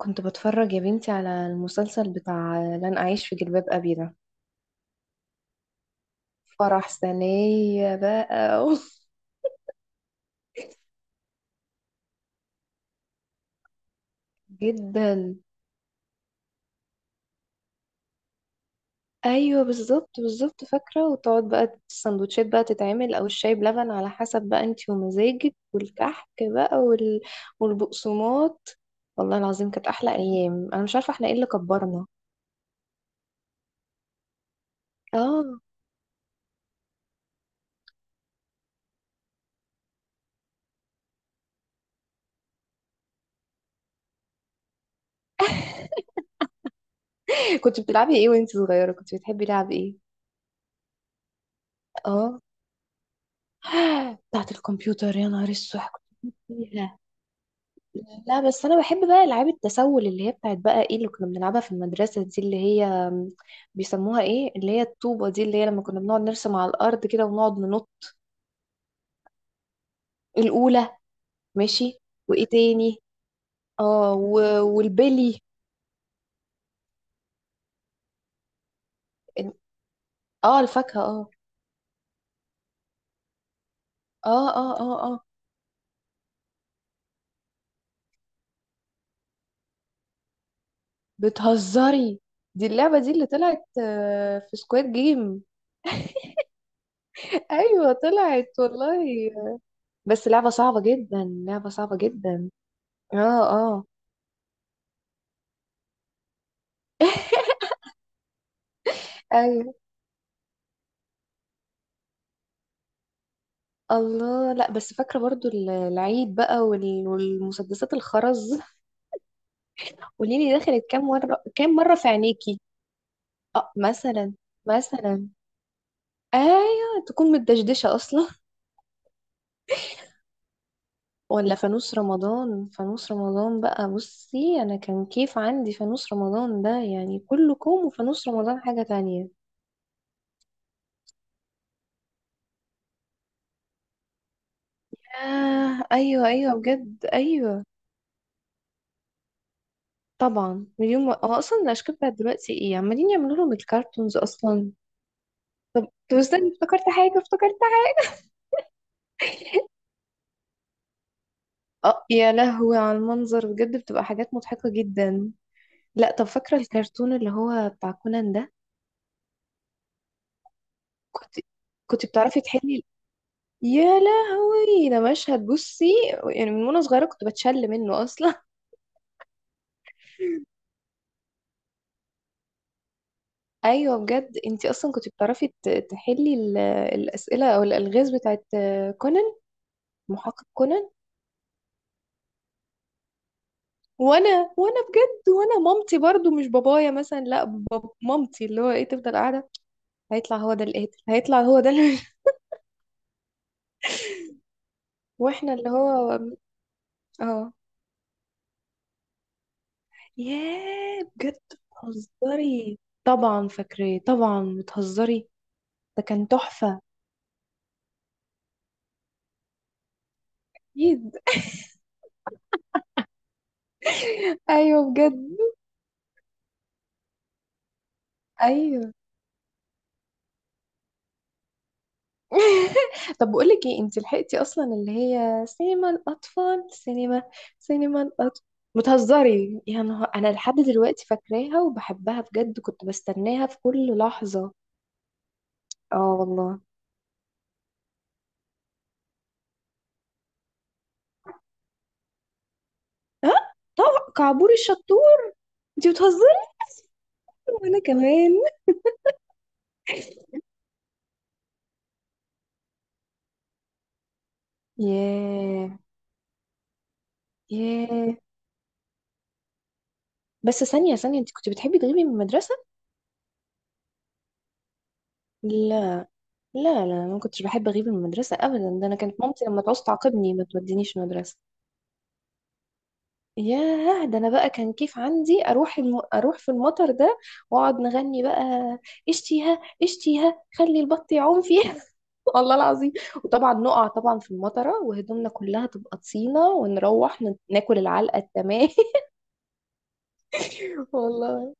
كنت بتفرج يا بنتي على المسلسل بتاع لن أعيش في جلباب أبي ده. فرح سنية بقى أوف. جدا. أيوة، بالظبط بالظبط، فاكرة. وتقعد بقى السندوتشات بقى تتعمل أو الشاي بلبن على حسب بقى انتي ومزاجك، والكحك بقى والبقسماط. والله العظيم كانت أحلى أيام، أنا مش عارفة احنا ايه اللي كبرنا. اه. كنت بتلعبي ايه وانتي صغيرة؟ كنت بتحبي لعب ايه؟ اه. بتاعة الكمبيوتر؟ يا نهار السوح، كنت بموت فيها. لا بس انا بحب بقى العاب التسول، اللي هي بتاعت بقى ايه اللي كنا بنلعبها في المدرسه دي، اللي هي بيسموها ايه، اللي هي الطوبه دي، اللي هي لما كنا بنقعد نرسم على الارض كده ونقعد ننط. الاولى. ماشي. وايه تاني؟ اه والبلي. اه، الفاكهه، اه اه اه اه. اه بتهزري، دي اللعبه دي اللي طلعت في سكواد جيم. ايوه طلعت والله. بس لعبه صعبه جدا، لعبه صعبه جدا. اه اه. ايوه الله. لا بس فاكرة برضو العيد بقى والمسدسات الخرز. قوليلي دخلت كام مرة كام مرة في عينيكي. اه مثلا، مثلا ايوه تكون متدشدشة اصلا. ولا فانوس رمضان، فانوس رمضان بقى بصي، انا كان كيف عندي فانوس رمضان ده، يعني كله كوم وفانوس رمضان حاجة تانية. آه ايوه ايوه بجد ايوه. طبعا مليون مرة. هو اصلا الاشكال بتاعت دلوقتي ايه عمالين يعملوا لهم الكارتونز اصلا. طب استني، افتكرت حاجة، افتكرت. اه يا لهوي على المنظر، بجد بتبقى حاجات مضحكة جدا. لا طب فاكرة الكرتون اللي هو بتاع كونان ده؟ كنت كنت بتعرفي تحلي. يا لهوي ده مشهد بصي، يعني من وانا صغيرة كنت بتشل منه اصلا. ايوه بجد، انتي اصلا كنت بتعرفي تحلي الاسئلة او الالغاز بتاعت كونان. محقق كونان. وانا، وانا بجد، وانا مامتي برضو مش بابايا، مثلا، لا، باب مامتي اللي هو ايه تفضل قاعدة. هيطلع هو ده اللي قاتل، هيطلع هو ده اللي. واحنا اللي هو اه. ياه بجد، بتهزري، طبعا فاكراه طبعا، بتهزري. ده كان تحفة. اكيد. ايوه بجد ايوه. طب بقول لك ايه، انت لحقتي اصلا اللي هي سينما الاطفال؟ سينما الاطفال. بتهزري يا نهار، انا لحد دلوقتي فاكراها وبحبها بجد، كنت بستناها في كل لحظة. اه والله. ها، طبعا كعبور الشطور. انت بتهزري. وانا كمان. ياه. ياه، بس ثانية ثانية، انت كنت بتحبي تغيبي من المدرسة؟ لا لا لا، انا ما كنتش بحب اغيب من المدرسة ابدا، ده انا كانت مامتي لما تعوز تعاقبني ما تودينيش المدرسة. ياه ده انا بقى كان كيف عندي اروح اروح في المطر ده واقعد نغني بقى: اشتيها اشتيها خلي البط يعوم فيها. والله العظيم. وطبعا نقع طبعا في المطرة وهدومنا كلها تبقى طينة، ونروح ناكل العلقة التمام. والله.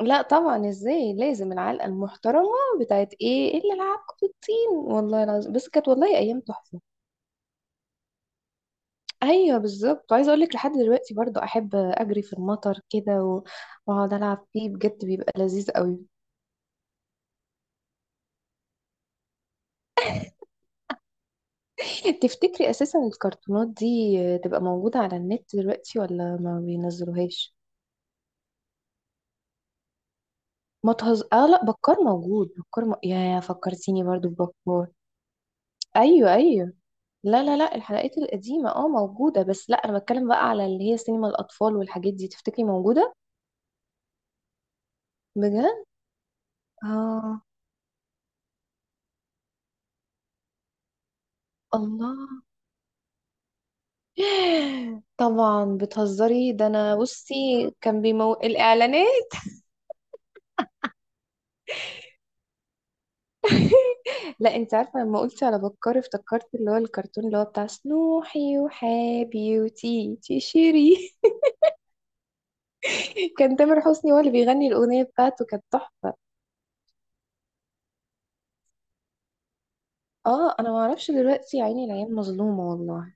لا طبعا، ازاي، لازم العلقه المحترمه. بتاعت ايه اللي لعبكم بالطين. والله العظيم بس كانت والله ايام تحفه. ايوه بالظبط، عايزه اقول لك لحد دلوقتي برضو احب اجري في المطر كده، و- واقعد العب فيه بجد بيبقى لذيذ قوي. تفتكري اساسا الكرتونات دي تبقى موجوده على النت دلوقتي ولا ما بينزلوهاش؟ ما تهز... اه لا، بكار موجود، بكار يا فكرتيني برضو ببكار. ايوه ايوه. لا لا لا، الحلقات القديمة اه موجودة، بس لا انا بتكلم بقى على اللي هي سينما الاطفال والحاجات دي، تفتكري موجودة؟ بجد. اه الله. طبعا بتهزري، ده انا بصي كان بيمو الاعلانات. لا انت عارفة، لما قلت على بكار افتكرت اللي هو الكرتون اللي هو بتاع سنوحي وحابي وتي تشيري. كان تامر حسني هو اللي بيغني الاغنية بتاعته، كانت تحفة. اه انا ما اعرفش دلوقتي، يا عيني العيال مظلومة والله.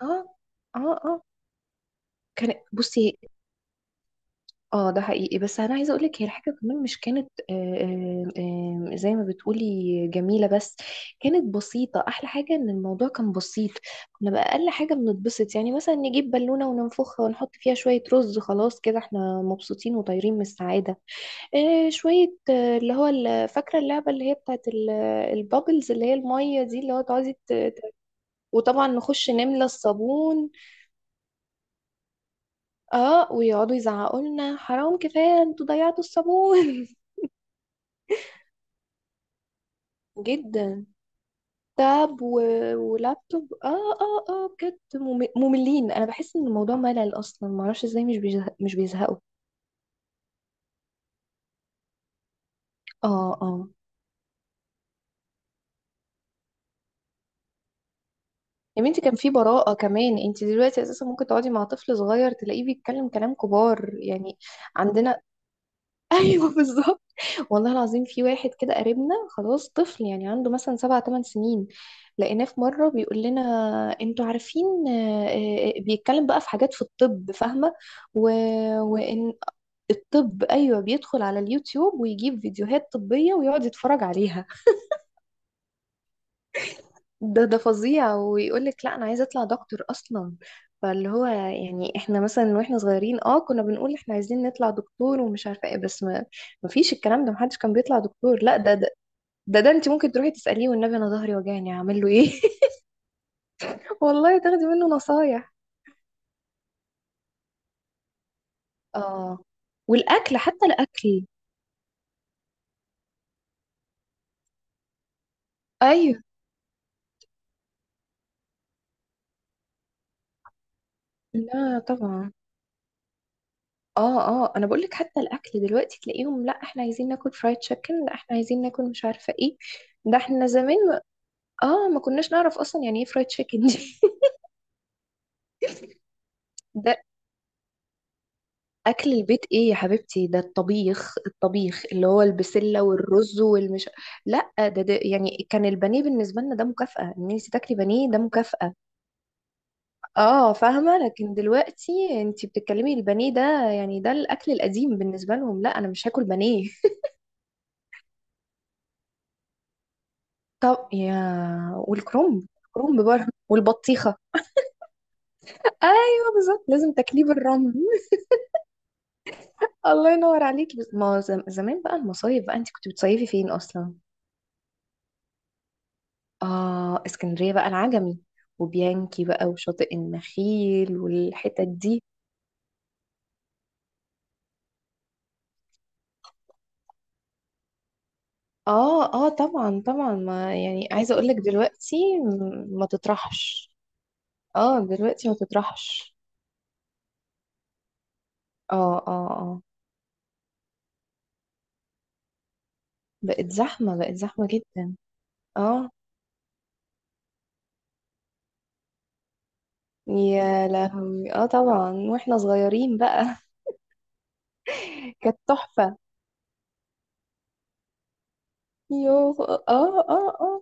اه اه اه. كان بصي، اه ده حقيقي، بس انا عايزه اقول لك هي الحاجه كمان مش كانت، زي ما بتقولي جميله، بس كانت بسيطه. احلى حاجه ان الموضوع كان بسيط، كنا باقل حاجه بنتبسط، يعني مثلا نجيب بالونه وننفخها ونحط فيها شويه رز، خلاص كده احنا مبسوطين وطايرين من السعاده. شويه اللي هو فاكره اللعبه اللي هي بتاعت البابلز اللي هي الميه دي، اللي هو تقعدي وطبعا نخش نملى الصابون، اه ويقعدوا يزعقوا لنا حرام كفايه انتوا ضيعتوا الصابون. جدا. تاب و... ولابتوب، اه. اه اه بجد مملين، انا بحس ان الموضوع ملل اصلا، معرفش ازاي مش بيزهقوا. اه اه. يا بنتي كان في براءة كمان، انت دلوقتي اساسا ممكن تقعدي مع طفل صغير تلاقيه بيتكلم كلام كبار يعني. عندنا. ايوه بالظبط. والله العظيم في واحد كده قريبنا خلاص، طفل يعني عنده مثلا 7 8 سنين، لقيناه في مره بيقول لنا: انتوا عارفين؟ بيتكلم بقى في حاجات في الطب، فاهمه؟ و... وان الطب، ايوه بيدخل على اليوتيوب ويجيب فيديوهات طبيه ويقعد يتفرج عليها. ده ده فظيع، ويقول لك لا انا عايزه اطلع دكتور اصلا. فاللي هو يعني احنا مثلا واحنا صغيرين اه كنا بنقول احنا عايزين نطلع دكتور ومش عارفه ايه، بس ما فيش الكلام ده، محدش كان بيطلع دكتور. لا ده ده، ده، انت ممكن تروحي تساليه، والنبي انا ظهري وجعني اعمل له ايه. والله تاخدي منه نصايح. اه، والاكل حتى الاكل. ايوه. لا طبعا. اه اه، انا بقول لك حتى الاكل دلوقتي تلاقيهم لا احنا عايزين ناكل فرايد تشيكن، لا احنا عايزين ناكل مش عارفه ايه. ده احنا زمان اه ما كناش نعرف اصلا يعني ايه فرايد تشيكن دي. ده اكل البيت ايه يا حبيبتي، ده الطبيخ، الطبيخ اللي هو البسله والرز والمش. لا ده، يعني كان البانيه بالنسبه لنا ده مكافاه، ان انت تاكلي بانيه ده مكافاه. اه فاهمه، لكن دلوقتي انت بتتكلمي البانيه ده، يعني ده الاكل القديم بالنسبه لهم، لا انا مش هاكل بانيه. طب يا، والكرنب، الكرنب بره والبطيخه. ايوه بالظبط، لازم تاكليه بالرمل. الله ينور عليكي. بس ما زم- زمان بقى المصايف بقى، انت كنت بتصيفي فين اصلا؟ اه اسكندريه بقى، العجمي وبيانكي بقى وشاطئ النخيل والحتت دي. اه اه طبعا طبعا، ما يعني عايزه اقول لك دلوقتي ما تطرحش. اه دلوقتي ما تطرحش. اه اه اه. بقت زحمه، بقت زحمه جدا. اه يا لهوي، اه طبعا واحنا صغيرين بقى. كانت تحفه. يوه، اه اه اه.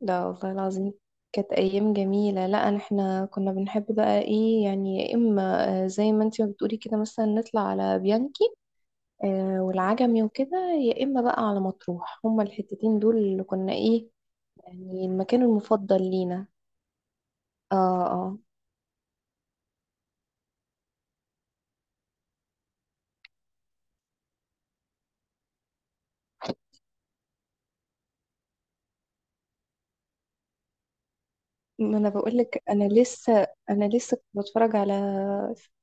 لا والله العظيم كانت أيام جميلة. لا أنا- احنا كنا بنحب بقى ايه، يعني يا إما زي ما انتي ما بتقولي كده، مثلا نطلع على بيانكي والعجمي وكده، يا إما بقى على مطروح، هما الحتتين دول اللي كنا ايه، يعني المكان المفضل لينا. اه اه. ما انا بقولك انا لسه كنت بتفرج على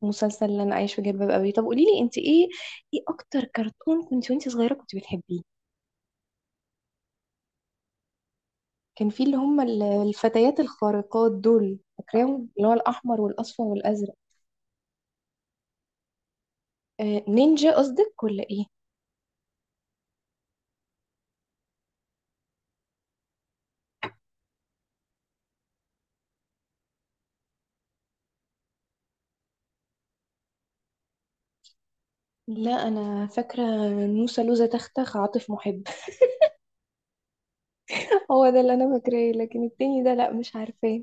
مسلسل اللي انا عايش في جلباب ابي. طب قوليلي انت ايه، ايه اكتر كرتون كنت وانت صغيره كنت بتحبيه؟ كان في اللي هم الفتيات الخارقات دول، فاكراهم، اللي هو الأحمر والأصفر والأزرق. نينجا قصدك ولا إيه؟ لا أنا فاكرة نوسة لوزة تختخ عاطف محب. هو ده اللي أنا فاكراه، لكن التاني ده لا مش عارفاه.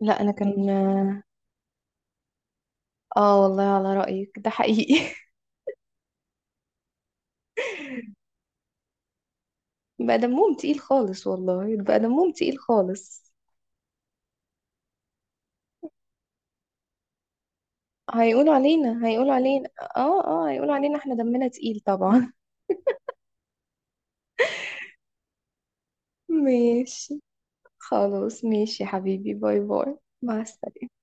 لا أنا كان آه، والله على رأيك ده حقيقي. بقى دمهم تقيل خالص، والله بقى دمهم تقيل خالص. هيقولوا علينا، هيقولوا علينا. اه اه، هيقولوا علينا احنا دمنا تقيل طبعا. ماشي. خلاص ماشي يا حبيبي، باي باي، مع السلامة.